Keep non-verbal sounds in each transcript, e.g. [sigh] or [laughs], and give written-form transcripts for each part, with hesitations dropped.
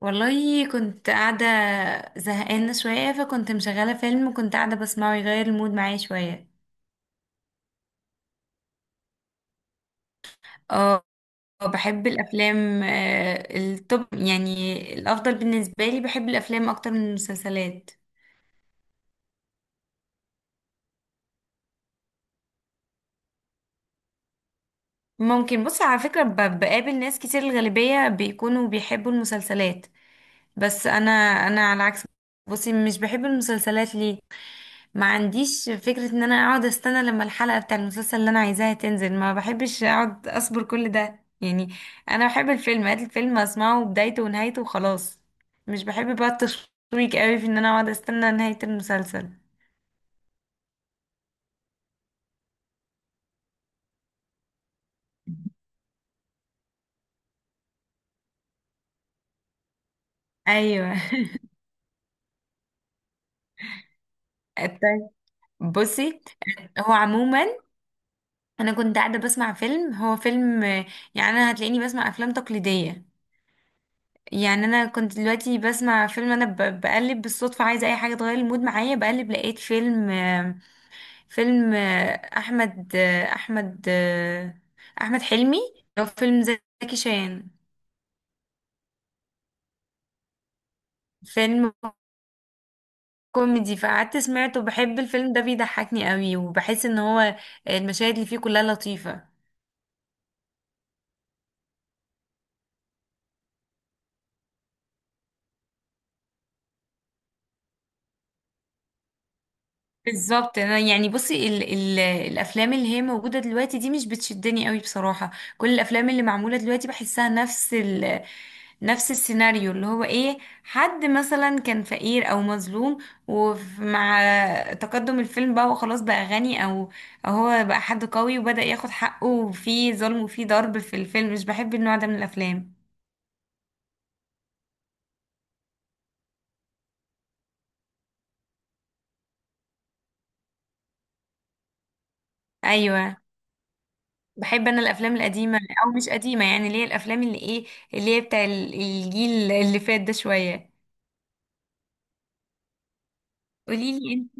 والله كنت قاعدة زهقانة شوية، فكنت مشغلة فيلم وكنت قاعدة بسمعه يغير المود معايا شوية. اه، بحب الأفلام التوب يعني، الأفضل بالنسبة لي بحب الأفلام أكتر من المسلسلات. ممكن بص، على فكرة بقابل ناس كتير، الغالبية بيكونوا بيحبوا المسلسلات. بس أنا على العكس. بصي، مش بحب المسلسلات ليه؟ ما عنديش فكرة ان انا اقعد استنى لما الحلقة بتاع المسلسل اللي انا عايزاها تنزل، ما بحبش اقعد اصبر كل ده يعني. انا بحب الفيلم، هات الفيلم اسمعه بدايته ونهايته وخلاص. مش بحب بقى التشويق قوي في ان انا اقعد استنى نهاية المسلسل. ايوه. [laughs] طيب، بصي، هو عموما انا كنت قاعدة بسمع فيلم، هو فيلم يعني انا هتلاقيني بسمع افلام تقليدية. يعني انا كنت دلوقتي بسمع فيلم، انا بقلب بالصدفة عايزة اي حاجة تغير المود معايا، بقلب لقيت فيلم. فيلم آه، احمد آه، احمد آه، احمد حلمي، لو فيلم زكي شان. فيلم كوميدي، فقعدت سمعته. بحب الفيلم ده بيضحكني قوي، وبحس ان هو المشاهد اللي فيه كلها لطيفة. بالظبط، انا يعني بصي ال ال الافلام اللي هي موجوده دلوقتي دي مش بتشدني قوي بصراحه. كل الافلام اللي معموله دلوقتي بحسها نفس السيناريو، اللي هو ايه؟ حد مثلا كان فقير او مظلوم، ومع تقدم الفيلم بقى وخلاص بقى غني، او هو بقى حد قوي وبدأ ياخد حقه، وفي ظلم وفي ضرب في الفيلم. مش بحب النوع ده من الافلام. ايوه. بحب انا الافلام القديمه، او مش قديمه يعني، اللي هي الافلام اللي ايه، اللي هي بتاع الجيل اللي فات ده شويه. قولي لي انت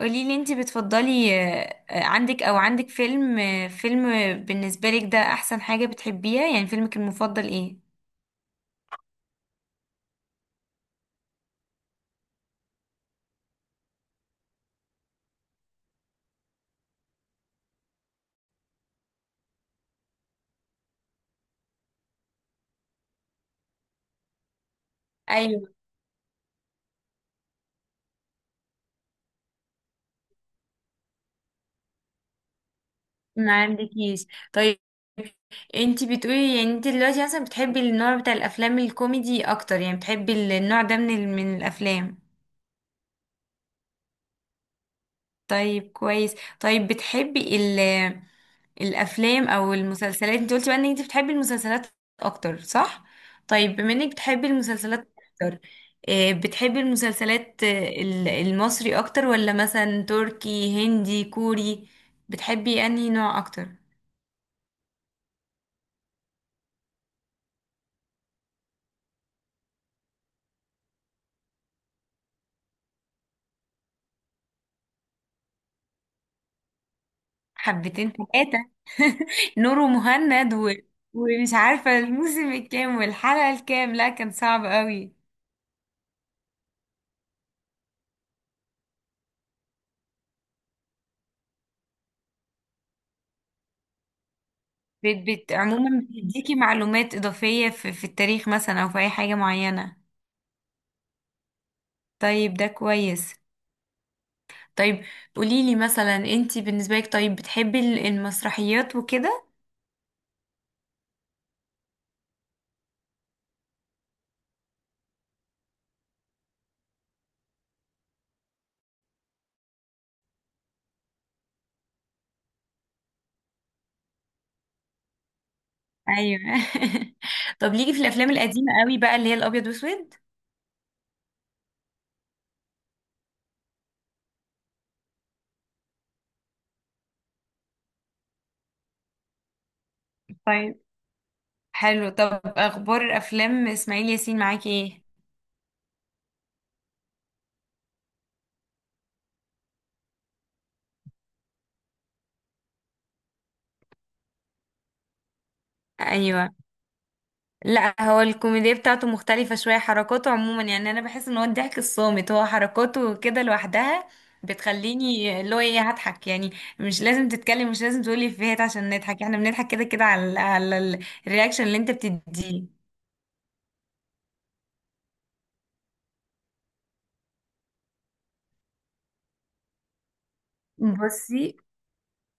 قولي لي انت بتفضلي عندك، او عندك فيلم آه، فيلم بالنسبه لك ده احسن حاجه بتحبيها يعني، فيلمك المفضل ايه؟ ايوه. ما عندكيش؟ طيب، انت بتقولي يعني انت دلوقتي مثلا بتحبي النوع بتاع الافلام الكوميدي اكتر. يعني بتحبي النوع ده من من الافلام. طيب، كويس. طيب، بتحبي الافلام او المسلسلات؟ انت قلتي بقى ان انت بتحبي المسلسلات اكتر، صح؟ طيب، بما انك بتحبي المسلسلات اكتر، بتحبي المسلسلات المصري اكتر، ولا مثلا تركي، هندي، كوري؟ بتحبي انهي نوع اكتر؟ حبتين ثلاثة. [laughs] نور ومهند و... ومش عارفة الموسم الكام والحلقة الكام، لا كان صعب قوي. بت... عموما بتديكي معلومات إضافية في التاريخ مثلا أو في أي حاجة معينة. طيب، ده كويس. طيب، قوليلي مثلا انتي بالنسبة لك، طيب بتحبي المسرحيات وكده؟ ايوه. [laughs] طب ليكي في الافلام القديمة قوي بقى، اللي هي الابيض واسود؟ طيب، حلو. طب اخبار افلام اسماعيل ياسين معاكي ايه؟ ايوه، لا هو الكوميديا بتاعته مختلفة شوية، حركاته عموما. يعني انا بحس ان هو الضحك الصامت، هو حركاته كده لوحدها بتخليني اللي هو ايه، هضحك يعني. مش لازم تتكلم، مش لازم تقولي افيهات عشان نضحك، احنا بنضحك كده كده على الرياكشن اللي انت بتديه. بصي،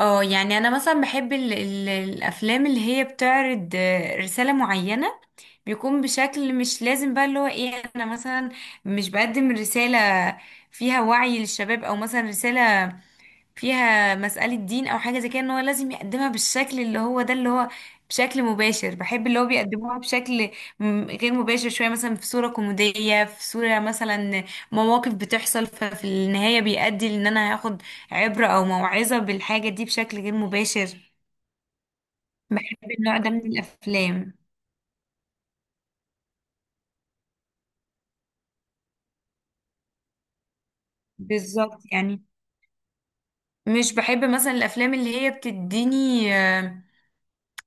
اه يعني انا مثلا بحب ال ال الافلام اللي هي بتعرض رساله معينه. بيكون بشكل مش لازم بقى اللي هو ايه، انا مثلا مش بقدم رساله فيها وعي للشباب، او مثلا رساله فيها مسألة دين أو حاجة زي كده، إن هو لازم يقدمها بالشكل اللي هو ده، اللي هو بشكل مباشر. بحب اللي هو بيقدموها بشكل غير مباشر شوية، مثلا في صورة كوميدية، في صورة مثلا مواقف بتحصل، ففي النهاية بيؤدي لأن أنا هاخد عبرة أو موعظة بالحاجة دي بشكل غير مباشر. بحب النوع ده من الأفلام. بالظبط يعني. مش بحب مثلا الأفلام اللي هي بتديني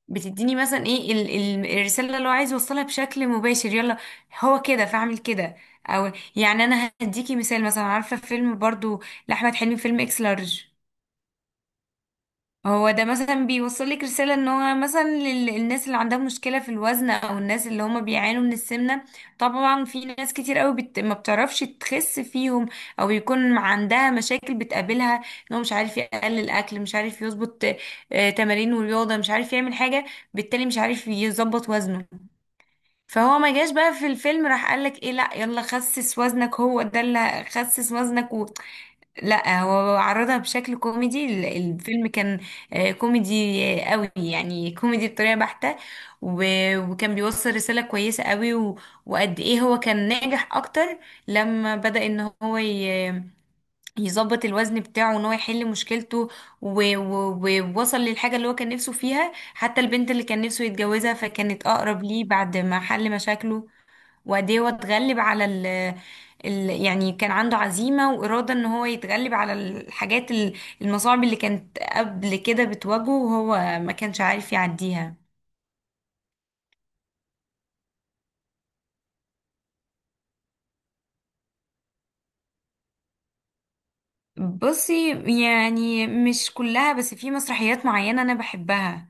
بتديني مثلا ايه الرسالة اللي هو عايز يوصلها بشكل مباشر، يلا هو كده فاعمل كده. او يعني انا هديكي مثال، مثلا عارفة فيلم برضو لأحمد حلمي، فيلم اكس لارج؟ هو ده مثلا بيوصل لك رسالة ان هو مثلا للناس اللي عندها مشكلة في الوزن، او الناس اللي هما بيعانوا من السمنة. طبعا في ناس كتير قوي ما بتعرفش تخس فيهم، او يكون عندها مشاكل بتقابلها، ان هو مش عارف يقلل اكل، مش عارف يظبط تمارين ورياضة، مش عارف يعمل حاجة، بالتالي مش عارف يظبط وزنه. فهو ما جاش بقى في الفيلم راح قالك ايه، لا يلا خسس وزنك، هو ده اللي خسس وزنك، لا هو عرضها بشكل كوميدي. الفيلم كان كوميدي قوي يعني، كوميدي بطريقة بحتة، وكان بيوصل رسالة كويسة قوي، وقد ايه هو كان ناجح اكتر لما بدأ ان هو يظبط الوزن بتاعه، ان هو يحل مشكلته، و- و- ووصل للحاجة اللي هو كان نفسه فيها، حتى البنت اللي كان نفسه يتجوزها فكانت اقرب ليه بعد ما حل مشاكله. وقد ايه هو اتغلب على ال يعني كان عنده عزيمة وإرادة ان هو يتغلب على الحاجات المصاعب اللي كانت قبل كده بتواجهه وهو ما كانش عارف يعديها. بصي، يعني مش كلها بس في مسرحيات معينة انا بحبها.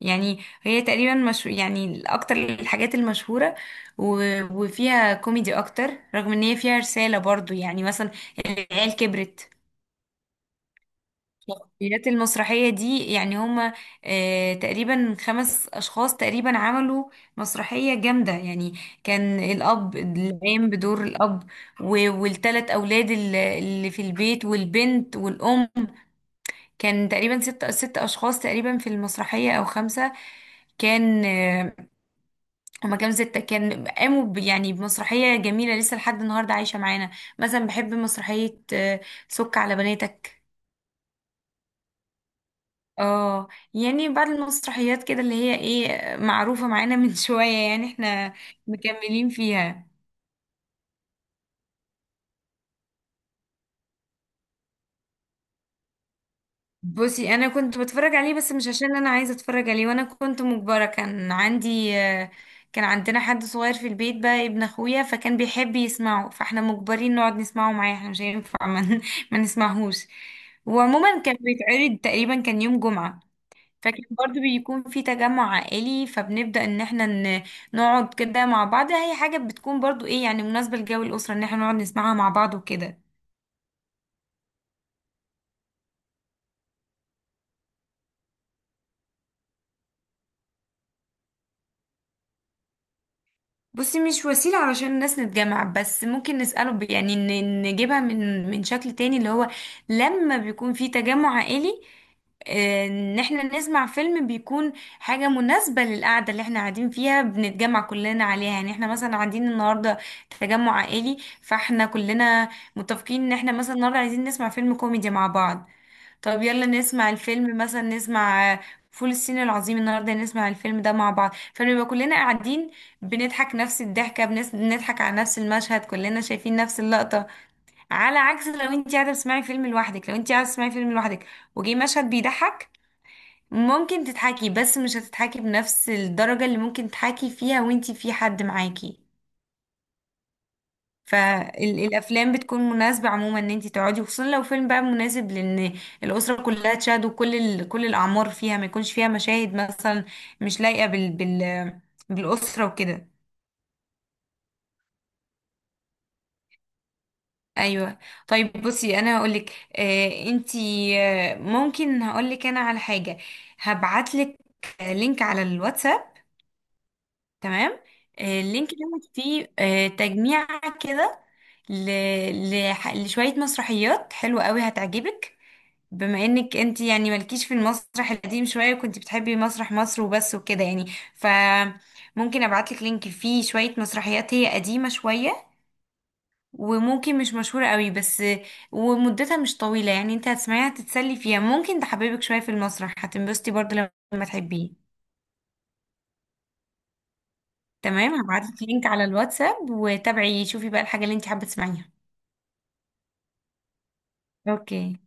يعني هي تقريبا مش يعني اكتر الحاجات المشهورة، و... وفيها كوميدي اكتر، رغم ان هي فيها رسالة برضو. يعني مثلا العيال كبرت. مسرحيات، المسرحية دي يعني هما تقريبا خمس أشخاص تقريبا، عملوا مسرحية جامدة يعني. كان الأب العام بدور الأب، والتلات أولاد اللي في البيت، والبنت والأم. كان تقريبا ست أشخاص تقريبا في المسرحية أو خمسة، كان هما كام، ستة، كان قاموا يعني بمسرحية جميلة لسه لحد النهاردة عايشة معانا. مثلا بحب مسرحية سك على بناتك. اه. يعني بعد المسرحيات كده اللي هي ايه معروفة معانا [laughs] من شوية يعني، احنا مكملين فيها. بصي انا كنت بتفرج عليه، بس مش عشان انا عايزة اتفرج عليه، وانا كنت مجبرة. كان عندي كان عندنا حد صغير في البيت بقى، ابن اخويا، فكان بيحب يسمعه، فاحنا مجبرين نقعد نسمعه معاه، احنا مش هينفع ما [laughs] ما نسمعهوش. وعموما كان بيتعرض تقريبا كان يوم جمعة، فكان برضو بيكون في تجمع عائلي، فبنبدأ ان احنا نقعد كده مع بعض. هي حاجة بتكون برضو ايه يعني، مناسبة لجو الأسرة ان احنا نقعد نسمعها مع بعض وكده. بصي، مش وسيلة علشان الناس نتجمع، بس ممكن نسأله يعني نجيبها من شكل تاني، اللي هو لما بيكون في تجمع عائلي، ان احنا نسمع فيلم بيكون حاجة مناسبة للقعدة اللي احنا قاعدين فيها، بنتجمع كلنا عليها. يعني احنا مثلا قاعدين النهاردة تجمع عائلي، فاحنا كلنا متفقين ان احنا مثلا النهاردة عايزين نسمع فيلم كوميدي مع بعض، طب يلا نسمع الفيلم، مثلا نسمع فول الصين العظيم النهارده. نسمع الفيلم ده مع بعض فنبقى كلنا قاعدين بنضحك نفس الضحكه، بنضحك على نفس المشهد، كلنا شايفين نفس اللقطه. على عكس لو انت قاعده بتسمعي فيلم لوحدك، لو انت قاعده تسمعي فيلم لوحدك، وجي مشهد بيضحك، ممكن تضحكي بس مش هتضحكي بنفس الدرجه اللي ممكن تضحكي فيها وانت في حد معاكي. فالافلام بتكون مناسبه عموما ان انت تقعدي، وخصوصا لو فيلم بقى مناسب لان الاسره كلها تشاهد، وكل كل الاعمار فيها، ما يكونش فيها مشاهد مثلا مش لايقه بالاسره وكده. ايوه. طيب، بصي انا هقول لك، آه انتي، آه ممكن هقول لك انا على حاجه. هبعت لك لينك على الواتساب، تمام؟ اللينك دوت فيه تجميع كده ل... لشوية مسرحيات حلوة قوي هتعجبك. بما انك انت يعني مالكيش في المسرح القديم شوية، كنت بتحبي مسرح مصر وبس وكده يعني، فممكن ابعتلك لينك فيه شوية مسرحيات هي قديمة شوية وممكن مش مشهورة قوي، بس ومدتها مش طويلة يعني، انت هتسمعيها تتسلي فيها، ممكن تحببك شوية في المسرح، هتنبسطي برضه لما تحبيه. تمام، هبعتلك لينك على الواتساب، وتابعي شوفي بقى الحاجة اللي انت حابة تسمعيها. اوكي.